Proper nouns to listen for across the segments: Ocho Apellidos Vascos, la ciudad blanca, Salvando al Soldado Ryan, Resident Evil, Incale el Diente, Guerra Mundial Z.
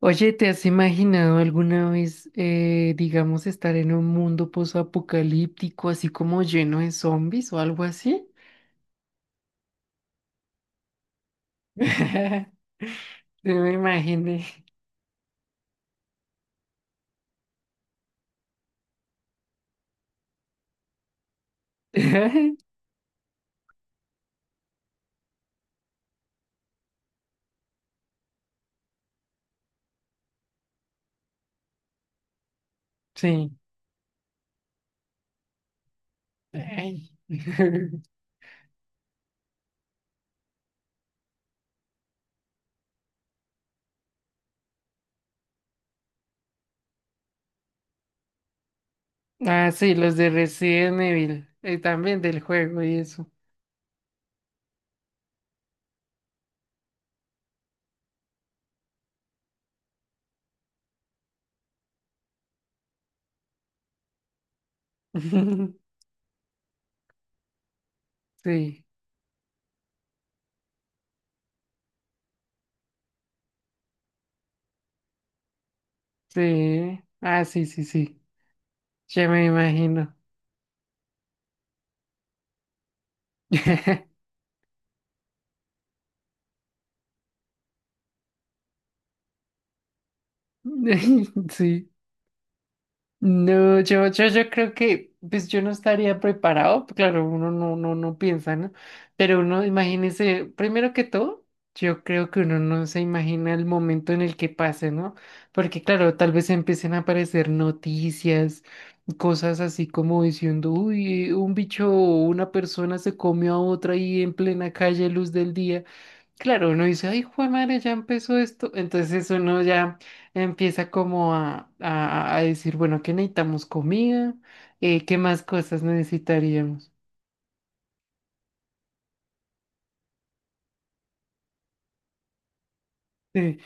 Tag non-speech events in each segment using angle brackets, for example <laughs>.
Oye, ¿te has imaginado alguna vez, digamos, estar en un mundo posapocalíptico, así como lleno de zombies o algo así? <laughs> Sí, me imaginé. <laughs> Sí. Ay. <laughs> Ah, sí, los de Resident Evil, también del juego y eso. <laughs> Sí, sí. Ah, sí, sí, sí. Ya me imagino. <laughs> Sí. No, yo creo que, pues yo no estaría preparado, pues, claro, uno no piensa, ¿no? Pero uno, imagínese, primero que todo, yo creo que uno no se imagina el momento en el que pase, ¿no? Porque claro, tal vez empiecen a aparecer noticias, cosas así como diciendo, uy, un bicho o una persona se comió a otra ahí en plena calle, luz del día. Claro, uno dice, ay, Juan madre, ya empezó esto. Entonces uno ya empieza como a decir, bueno, ¿qué necesitamos? Comida. ¿Qué más cosas necesitaríamos? Eh,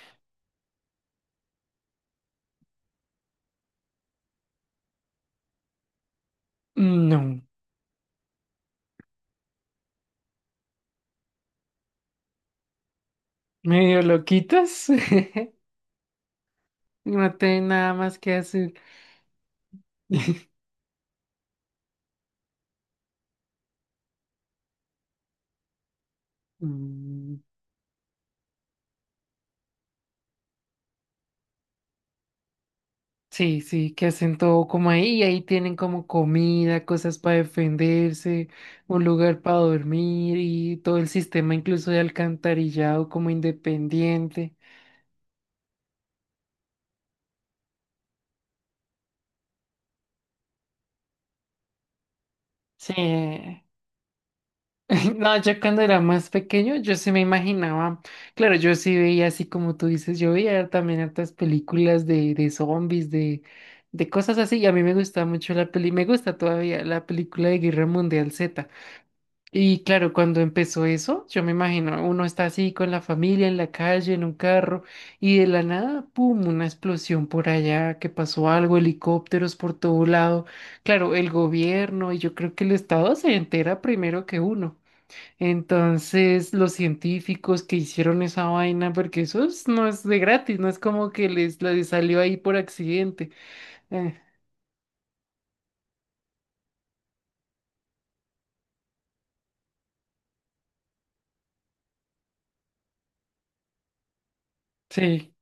no, medio loquitos, <laughs> no tienen nada más que hacer. <laughs> Mm, sí, sí, que hacen todo como ahí, y ahí tienen como comida, cosas para defenderse, un lugar para dormir y todo el sistema incluso de alcantarillado como independiente. Sí, <laughs> no, yo cuando era más pequeño, yo sí me imaginaba, claro, yo sí veía así como tú dices, yo veía también hartas películas de zombies, de cosas así, y a mí me gustaba mucho la peli, me gusta todavía la película de Guerra Mundial Z. Y claro, cuando empezó eso, yo me imagino, uno está así con la familia en la calle, en un carro, y de la nada, ¡pum!, una explosión por allá, que pasó algo, helicópteros por todo lado. Claro, el gobierno y yo creo que el Estado se entera primero que uno. Entonces, los científicos que hicieron esa vaina, porque eso es- no es de gratis, no es como que les salió ahí por accidente. Eh, sí.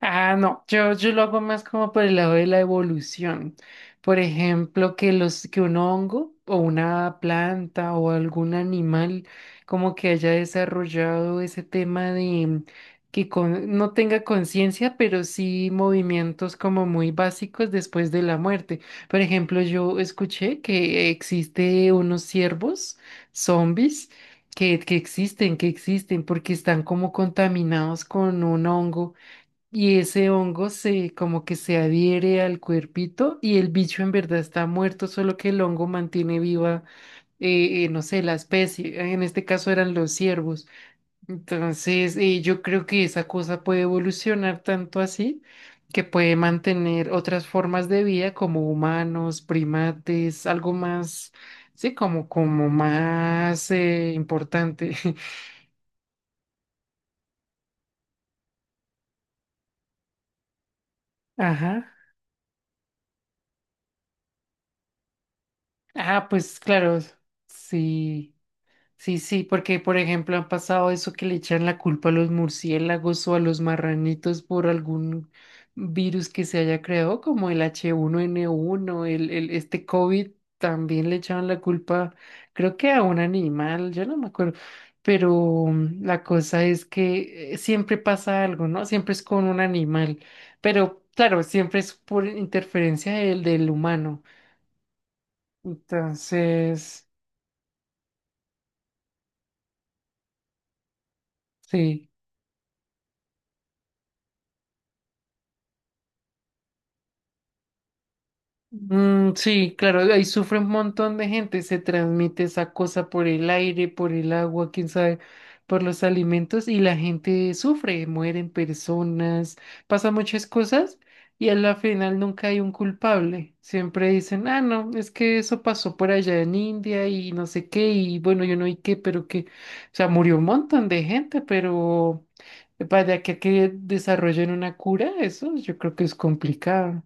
Ah, no, yo lo hago más como por el lado de la evolución. Por ejemplo, que los, que un hongo o una planta o algún animal como que haya desarrollado ese tema de que con- no tenga conciencia, pero sí movimientos como muy básicos después de la muerte. Por ejemplo, yo escuché que existe unos ciervos zombies que, que existen porque están como contaminados con un hongo y ese hongo se como que se adhiere al cuerpito y el bicho en verdad está muerto, solo que el hongo mantiene viva, no sé, la especie. En este caso eran los ciervos. Entonces, yo creo que esa cosa puede evolucionar tanto así que puede mantener otras formas de vida como humanos, primates, algo más, sí, como más importante. <laughs> Ajá. Ah, pues claro, sí. Sí, sí, porque por ejemplo han pasado eso que le echan la culpa a los murciélagos o a los marranitos por algún virus que se haya creado, como el H1N1, el- este COVID, también le echaban la culpa, creo que a un animal, yo no me acuerdo, pero mm, la cosa es que siempre pasa algo, ¿no? Siempre es con un animal, pero claro, siempre es por interferencia del humano. Entonces, sí. Mm, sí, claro, ahí sufre un montón de gente, se transmite esa cosa por el aire, por el agua, quién sabe, por los alimentos y la gente sufre, mueren personas, pasan muchas cosas y a la final nunca hay un culpable. Siempre dicen, ah, no, es que eso pasó por allá en India y no sé qué, y bueno, yo no vi qué, pero que, o sea, murió un montón de gente, pero para que desarrollen una cura, eso yo creo que es complicado.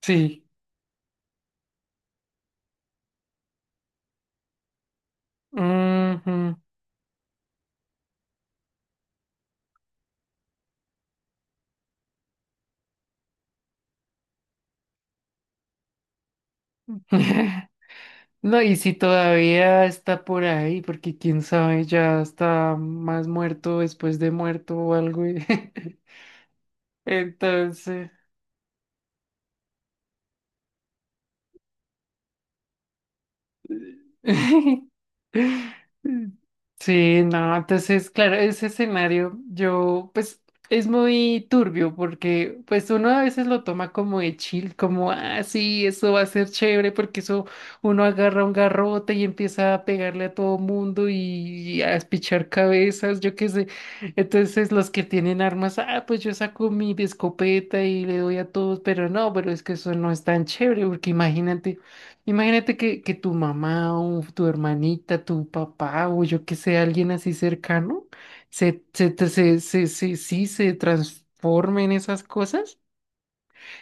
Sí. Ujú. <laughs> No, y si todavía está por ahí, porque quién sabe, ya está más muerto después de muerto o algo. Y- <laughs> entonces, <laughs> sí, no, entonces, claro, ese escenario yo, pues, es muy turbio porque, pues, uno a veces lo toma como de chill, como, ah, sí, eso va a ser chévere porque eso, uno agarra un garrote y empieza a pegarle a todo mundo y a espichar cabezas, yo qué sé. Entonces, los que tienen armas, ah, pues yo saco mi escopeta y le doy a todos, pero no, pero es que eso no es tan chévere porque imagínate. Imagínate que tu mamá o tu hermanita, tu papá o yo que sé, alguien así cercano, se, te- se- sí se transforme en esas cosas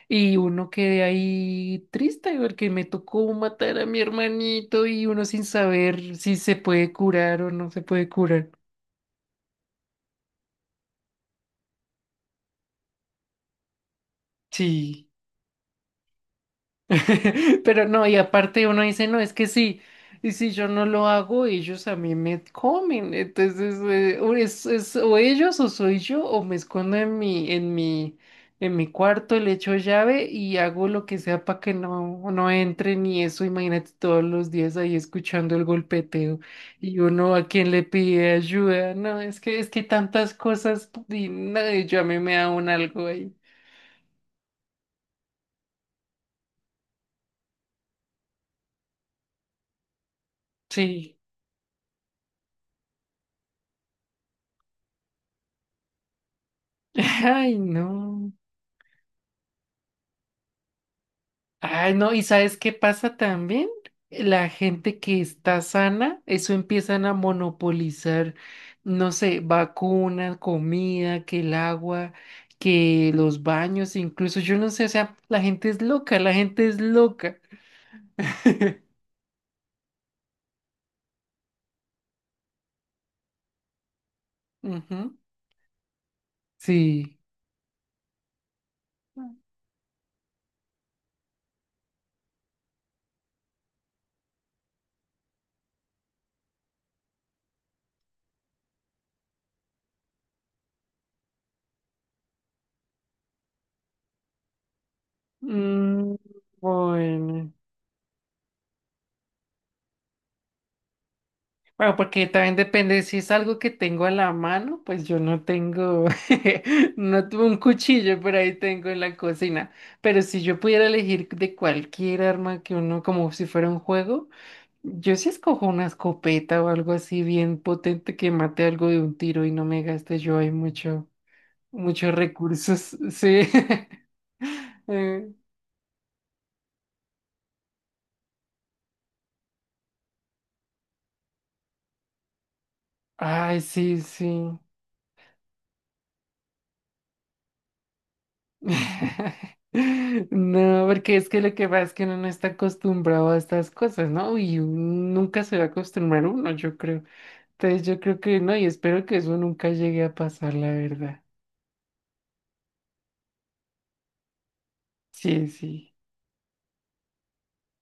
y uno quede ahí triste porque me tocó matar a mi hermanito y uno sin saber si se puede curar o no se puede curar. Sí. <laughs> Pero no, y aparte uno dice, no, es que sí, y si yo no lo hago, ellos a mí me comen. Entonces, o es o ellos o soy yo, o me escondo en mi cuarto, le echo llave y hago lo que sea para que no, no entren y eso, imagínate todos los días ahí escuchando el golpeteo y uno a quien le pide ayuda. No, es que tantas cosas y no, yo a mí me da un algo ahí. Sí. <laughs> Ay, no. Ay, no, ¿y sabes qué pasa también? La gente que está sana, eso empiezan a monopolizar, no sé, vacunas, comida, que el agua, que los baños, incluso yo no sé, o sea, la gente es loca, la gente es loca. <laughs> Ujú, sí. Mm, bueno. Bueno, porque también depende si es algo que tengo a la mano, pues yo no tengo, <laughs> no tuve un cuchillo por ahí tengo en la cocina, pero si yo pudiera elegir de cualquier arma que uno, como si fuera un juego, yo sí escojo una escopeta o algo así bien potente que mate algo de un tiro y no me gaste yo hay mucho, muchos recursos, sí. <laughs> Eh, ay, sí, sí. <laughs> No, porque es que lo que pasa es que uno no está acostumbrado a estas cosas, ¿no? Y nunca se va a acostumbrar uno, yo creo. Entonces yo creo que no, y espero que eso nunca llegue a pasar, la verdad. Sí, sí.